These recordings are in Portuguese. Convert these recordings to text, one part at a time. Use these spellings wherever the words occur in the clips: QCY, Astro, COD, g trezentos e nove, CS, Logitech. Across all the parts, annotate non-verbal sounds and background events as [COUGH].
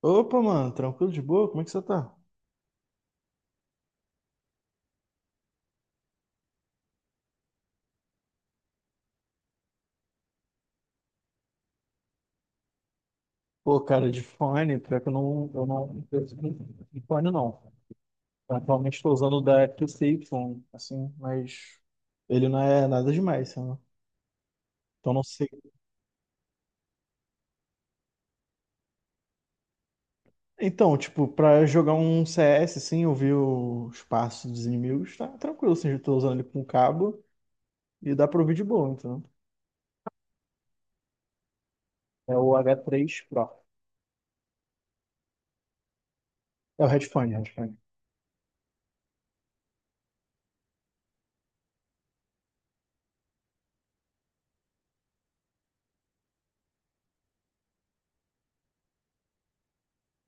Opa, mano, tranquilo de boa? Como é que você tá? Pô, cara, de fone, pior que eu não, eu não, eu não- de fone não. Atualmente estou usando o da QCY, assim, mas ele não é nada demais, sabe? Então não sei. Então, tipo, pra jogar um CS, assim, ouvir os passos dos inimigos, tá tranquilo, assim, eu tô usando ele com cabo e dá pra ouvir de boa, então. É o H3 Pro. É o headphone, headphone.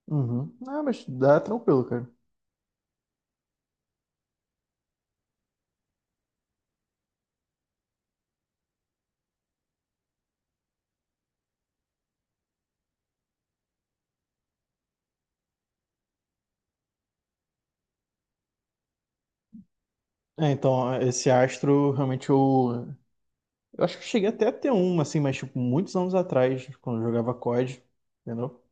Uhum. Ah, mas dá tranquilo, cara. É, então, esse Astro, realmente eu acho que eu cheguei até a ter uma, assim, mas tipo, muitos anos atrás, quando eu jogava COD, entendeu?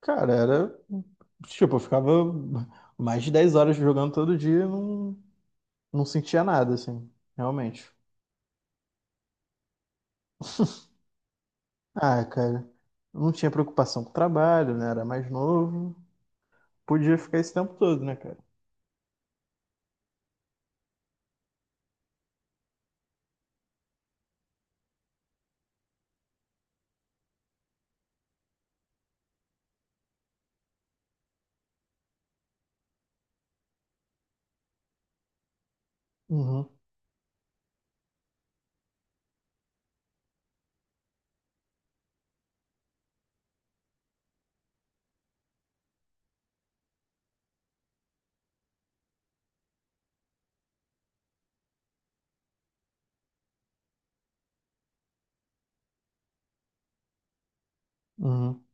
Cara, era. Tipo, eu ficava mais de 10 horas jogando todo dia e não sentia nada, assim, realmente. Ah, cara, não tinha preocupação com o trabalho, né? Era mais novo, podia ficar esse tempo todo, né, cara? Uhum, uhum,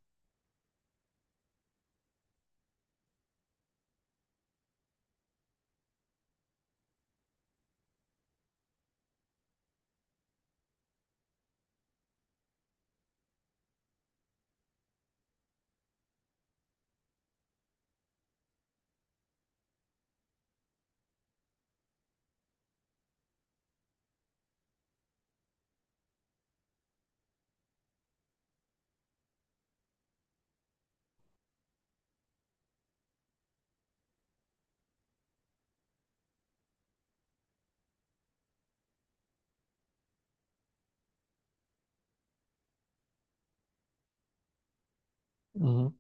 uhum.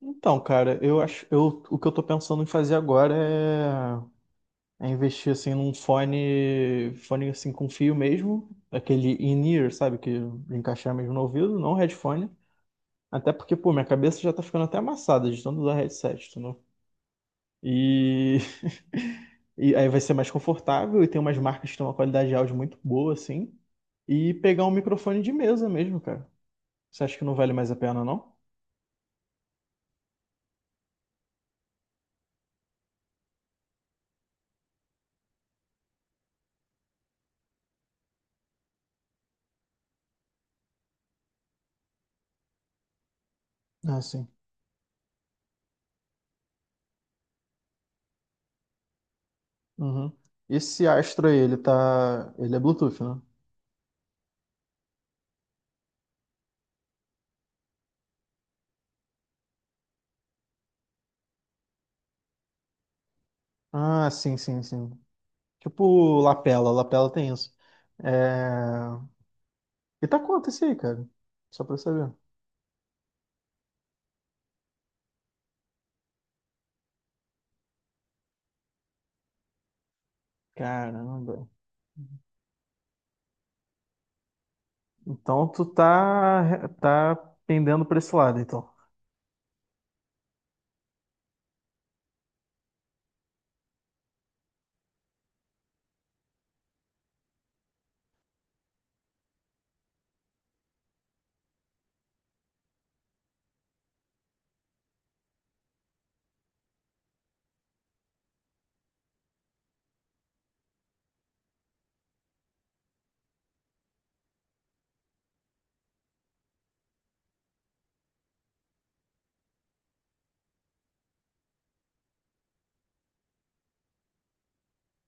Então, cara, eu acho, eu, o que eu tô pensando em fazer agora é investir assim num fone, fone assim com fio mesmo, aquele in-ear, sabe, que encaixar mesmo no ouvido, não headphone. Até porque, pô, minha cabeça já tá ficando até amassada de tanto usar headset, entendeu? E... [LAUGHS] e aí vai ser mais confortável e tem umas marcas que têm uma qualidade de áudio muito boa, assim. E pegar um microfone de mesa mesmo, cara. Você acha que não vale mais a pena, não? Ah, sim. Uhum. Esse Astro aí, ele tá. Ele é Bluetooth, né? Ah, sim, sim, sim. Tipo, lapela, lapela tem isso. É... E tá quanto esse aí, cara? Só pra eu saber. Caramba. Então tu tá pendendo pra esse lado, então.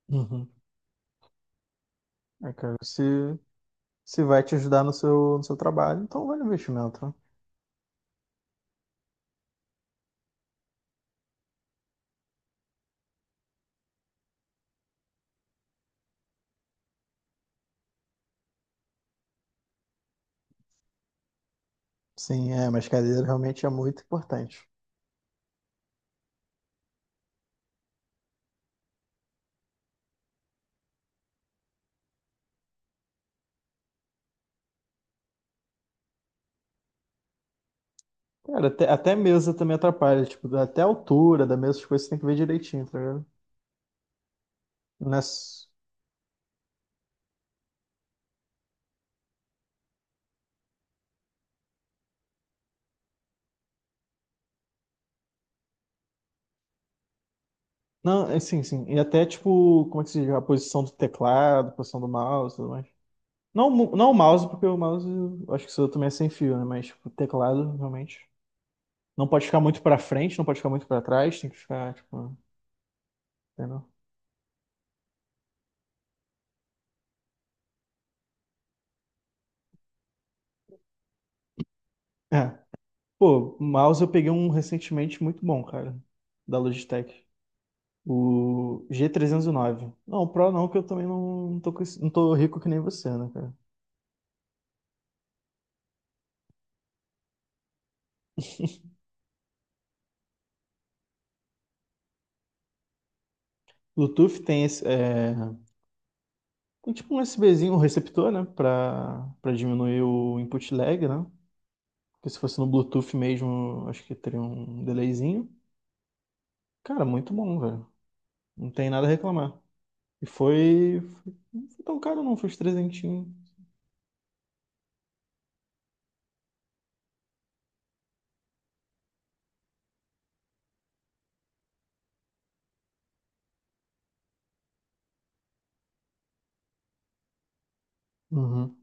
Uhum. É, cara, se vai te ajudar no seu trabalho, então vai o investimento, né? Sim, é, mas cadeira realmente é muito importante. Cara, até mesa também atrapalha, tipo, até a altura da mesa, as coisas você tem que ver direitinho, tá ligado? Não é s- Não, é, sim, sim. E até, tipo, como é que se diz? A posição do teclado, a posição do mouse e tudo mais. Não, não o mouse, porque o mouse, eu acho que isso também é sem fio, né? Mas, tipo, o teclado, realmente. Não pode ficar muito pra frente, não pode ficar muito pra trás, tem que ficar, tipo, entendeu? É. Pô, o mouse eu peguei um recentemente muito bom, cara, da Logitech. O G309. Não, o Pro não, que eu também não tô rico que nem você, né, cara? Bluetooth tem esse. Tem tipo um USBzinho, um receptor, né? Pra diminuir o input lag, né? Porque se fosse no Bluetooth mesmo, acho que teria um delayzinho. Cara, muito bom, velho. Não tem nada a reclamar. Não foi tão caro, não. Foi uns trezentinho. Uhum.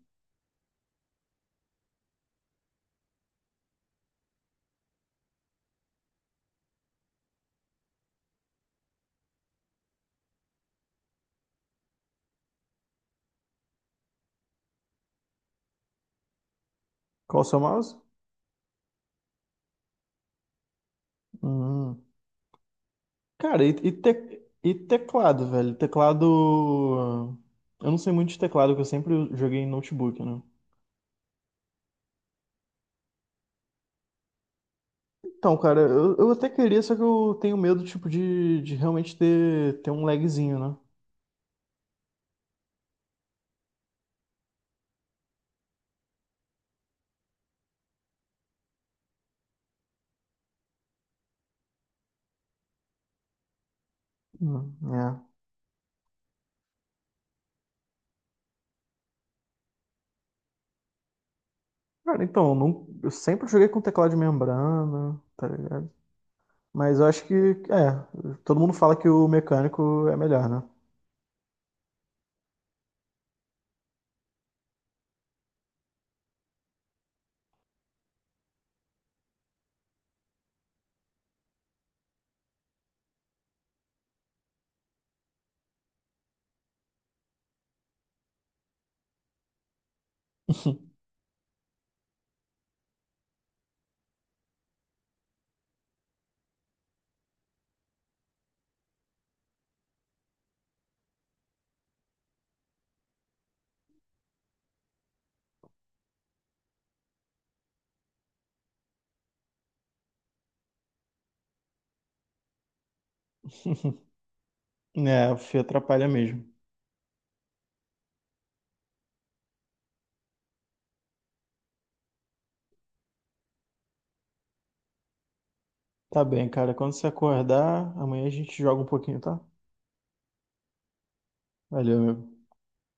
Qual o seu mouse? Uhum. Cara, e teclado, velho? Teclado. Eu não sei muito de teclado, porque eu sempre joguei em notebook, né? Então, cara, eu até queria, só que eu tenho medo, tipo, de realmente ter um lagzinho, né? É. Cara, então, eu, não- eu sempre joguei com teclado de membrana, tá ligado? Mas eu acho que, todo mundo fala que o mecânico é melhor, né? [LAUGHS] É, o fio atrapalha mesmo. Tá bem, cara. Quando você acordar, amanhã a gente joga um pouquinho, tá? Valeu, meu.